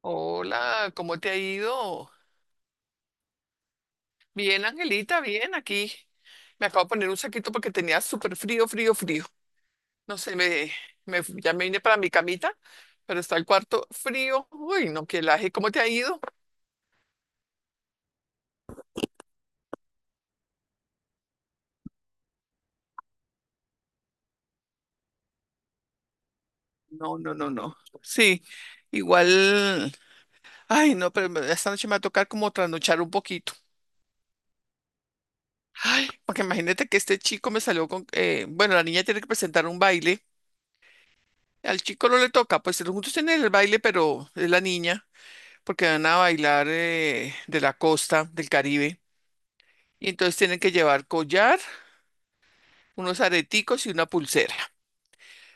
Hola, ¿cómo te ha ido? Bien, Angelita, bien, aquí. Me acabo de poner un saquito porque tenía súper frío, frío, frío. No sé, ya me vine para mi camita, pero está el cuarto frío. Uy, no, qué laje, ¿cómo te ha ido? No, no, no, no. Sí, igual. Ay, no, pero esta noche me va a tocar como trasnochar un poquito. Ay, porque imagínate que este chico me salió con, bueno, la niña tiene que presentar un baile. Al chico no le toca, pues juntos tienen el baile, pero es la niña. Porque van a bailar de la costa del Caribe. Y entonces tienen que llevar collar, unos areticos y una pulsera.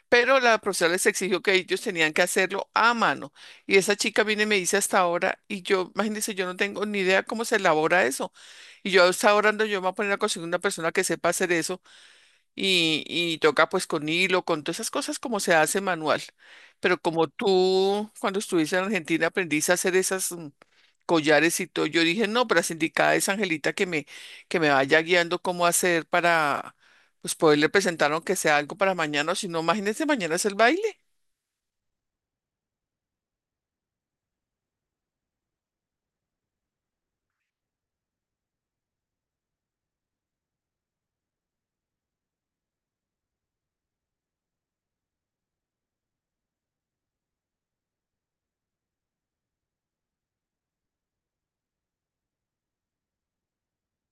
Pero la profesora les exigió que ellos tenían que hacerlo a mano. Y esa chica viene y me dice hasta ahora, y yo, imagínense, yo no tengo ni idea cómo se elabora eso. Y yo hasta ahora no, yo me voy a poner a conseguir una persona que sepa hacer eso y toca pues con hilo, con todas esas cosas como se hace manual. Pero como tú, cuando estuviste en Argentina, aprendiste a hacer esas collares y todo. Yo dije, no, pero las indicada es Angelita que me vaya guiando cómo hacer para, pues poderle presentar aunque sea algo para mañana, o si no, imagínense, mañana es el baile.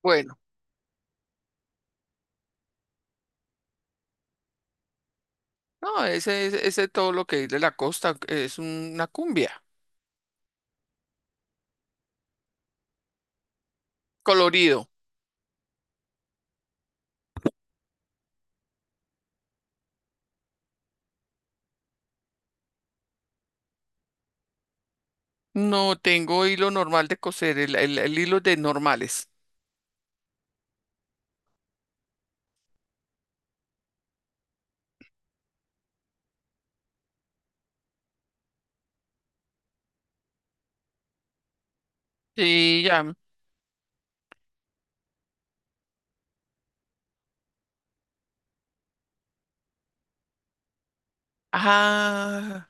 Bueno. No, ese es ese todo lo que es de la costa, es una cumbia, colorido. No tengo hilo normal de coser, el hilo de normales. Sí, ya. Ah.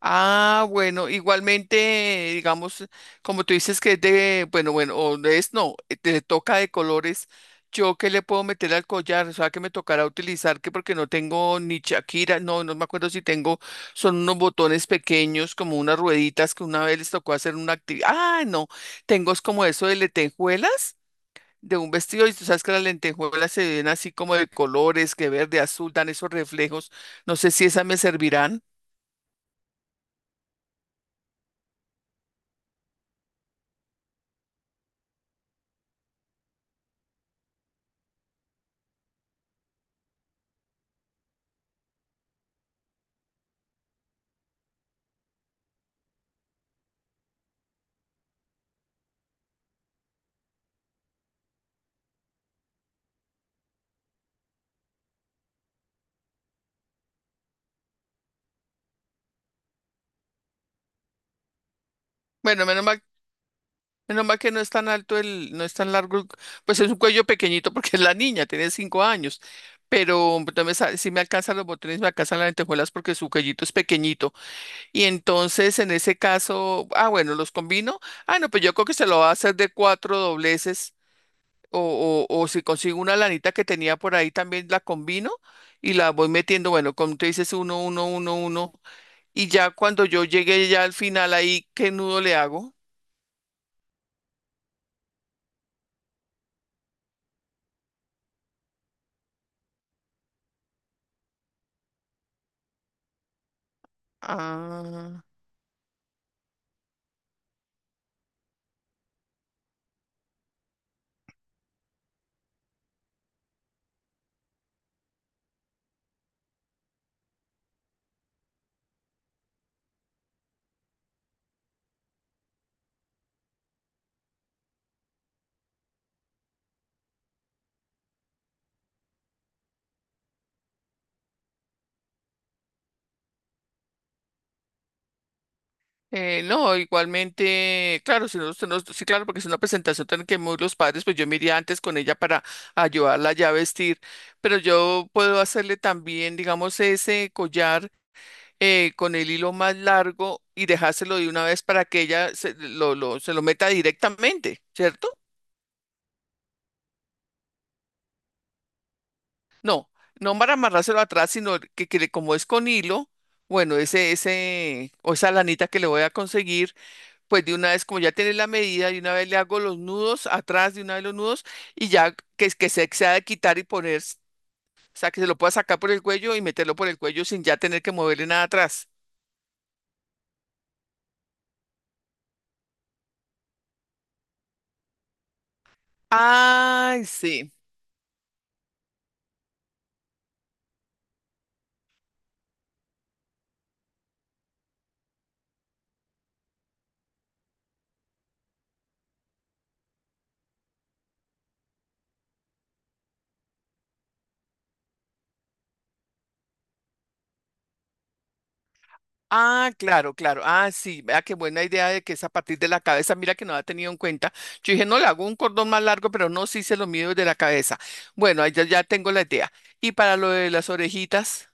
Ah, bueno, igualmente, digamos, como tú dices que es de, bueno, bueno, o no es, no, te toca de colores, yo qué le puedo meter al collar, o sea, que me tocará utilizar, que porque no tengo ni Shakira, no, no me acuerdo si tengo, son unos botones pequeños, como unas rueditas que una vez les tocó hacer una actividad, ah, no, tengo es como eso de lentejuelas, de un vestido, y tú sabes que las lentejuelas se ven así como de colores, que verde, azul, dan esos reflejos, no sé si esas me servirán. Bueno, menos mal que no es tan alto el, no es tan largo, pues es un cuello pequeñito porque es la niña, tiene 5 años, pero también si me alcanzan los botones, me alcanzan las lentejuelas porque su cuellito es pequeñito. Y entonces en ese caso, ah, bueno, los combino. Ah, no, pues yo creo que se lo va a hacer de cuatro dobleces o si consigo una lanita que tenía por ahí también la combino y la voy metiendo, bueno, como tú dices, uno, uno, uno, uno. Y ya cuando yo llegue ya al final ahí, ¿qué nudo le hago? Ah. No, igualmente, claro, sí, claro, porque es una presentación tan que muy los padres, pues yo me iría antes con ella para ayudarla ya a vestir, pero yo puedo hacerle también, digamos, ese collar con el hilo más largo y dejárselo de una vez para que ella se lo se lo meta directamente, ¿cierto? No, no para amarrárselo atrás, sino que como es con hilo, bueno, ese, o esa lanita que le voy a conseguir pues de una vez, como ya tienes la medida, de una vez le hago los nudos atrás, de una vez los nudos, y ya que que se ha de quitar y poner, o sea, que se lo pueda sacar por el cuello y meterlo por el cuello sin ya tener que moverle nada atrás. Ay, sí. Ah, claro, claro. Ah, sí. Vea qué buena idea de que es a partir de la cabeza. Mira que no la ha tenido en cuenta. Yo dije, no, le hago un cordón más largo, pero no, sí se lo mido desde la cabeza. Bueno, ahí ya, ya tengo la idea. Y para lo de las orejitas,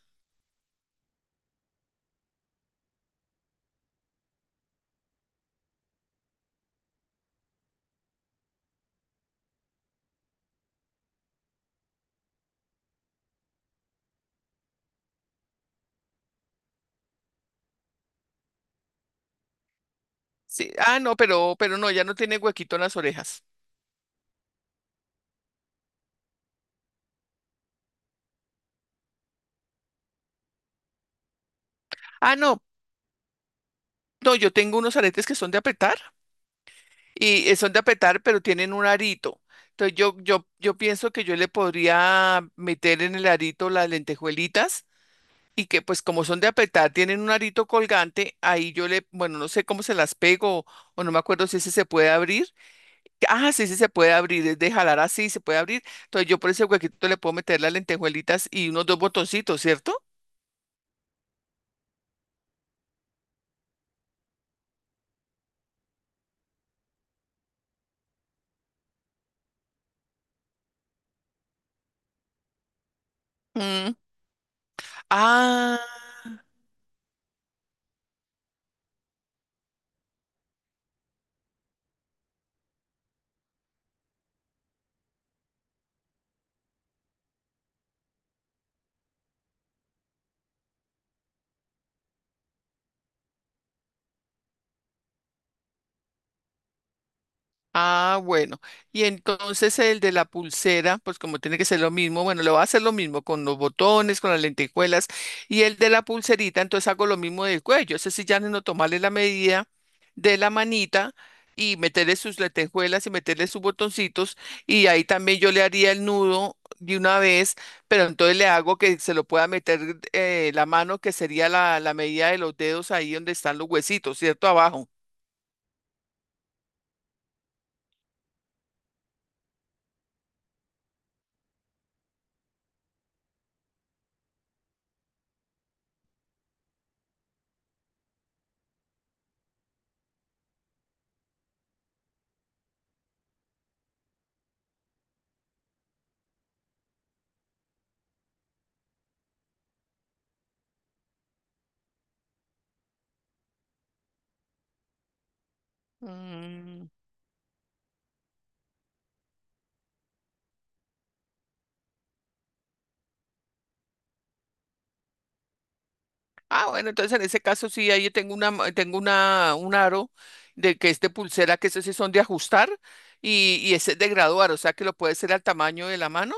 sí. Ah, no, pero no, ya no tiene huequito en las orejas. Ah, no, no, yo tengo unos aretes que son de apretar y son de apretar, pero tienen un arito. Entonces yo pienso que yo le podría meter en el arito las lentejuelitas y que pues como son de apretar, tienen un arito colgante, ahí yo le, bueno, no sé cómo se las pego o no me acuerdo si ese se puede abrir. Ah, sí, sí, se puede abrir, es de jalar así, se puede abrir. Entonces yo por ese huequito le puedo meter las lentejuelitas y unos dos botoncitos, ¿cierto? Mm. Ah. Ah, bueno. Y entonces el de la pulsera, pues como tiene que ser lo mismo, bueno, le voy a hacer lo mismo con los botones, con las lentejuelas. Y el de la pulserita, entonces hago lo mismo del cuello. Ese sí ya no tomarle la medida de la manita y meterle sus lentejuelas y meterle sus botoncitos. Y ahí también yo le haría el nudo de una vez, pero entonces le hago que se lo pueda meter la mano, que sería la medida de los dedos ahí donde están los huesitos, ¿cierto? Abajo. Mm. Ah, bueno, entonces en ese caso sí, ahí tengo tengo una, un aro de que es de pulsera, que esos sí son de ajustar y ese es de graduar, o sea que lo puede hacer al tamaño de la mano.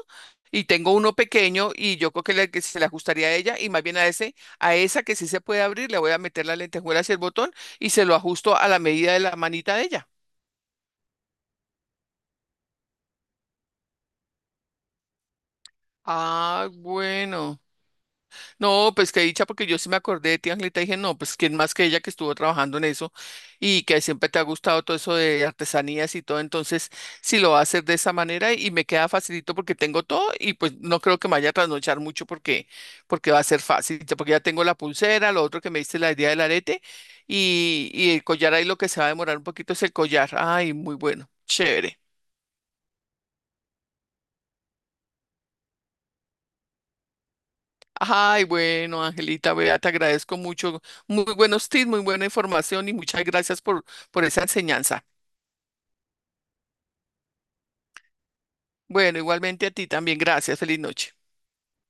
Y tengo uno pequeño y yo creo que, que se le ajustaría a ella y más bien a ese, a esa que sí se puede abrir, le voy a meter la lentejuela hacia el botón y se lo ajusto a la medida de la manita de ella. Ah, bueno. No, pues qué dicha, porque yo sí me acordé de ti, Angelita, y dije, no, pues quién más que ella que estuvo trabajando en eso y que siempre te ha gustado todo eso de artesanías y todo, entonces sí lo va a hacer de esa manera y me queda facilito porque tengo todo y pues no creo que me vaya a trasnochar mucho porque, porque va a ser fácil, ya- porque ya tengo la pulsera, lo otro que me diste la idea del arete y el collar ahí lo que se va a demorar un poquito es el collar, ay, muy bueno, chévere. Ay, bueno, Angelita, vea, te agradezco mucho. Muy buenos tips, muy buena información y muchas gracias por esa enseñanza. Bueno, igualmente a ti también, gracias. Feliz noche.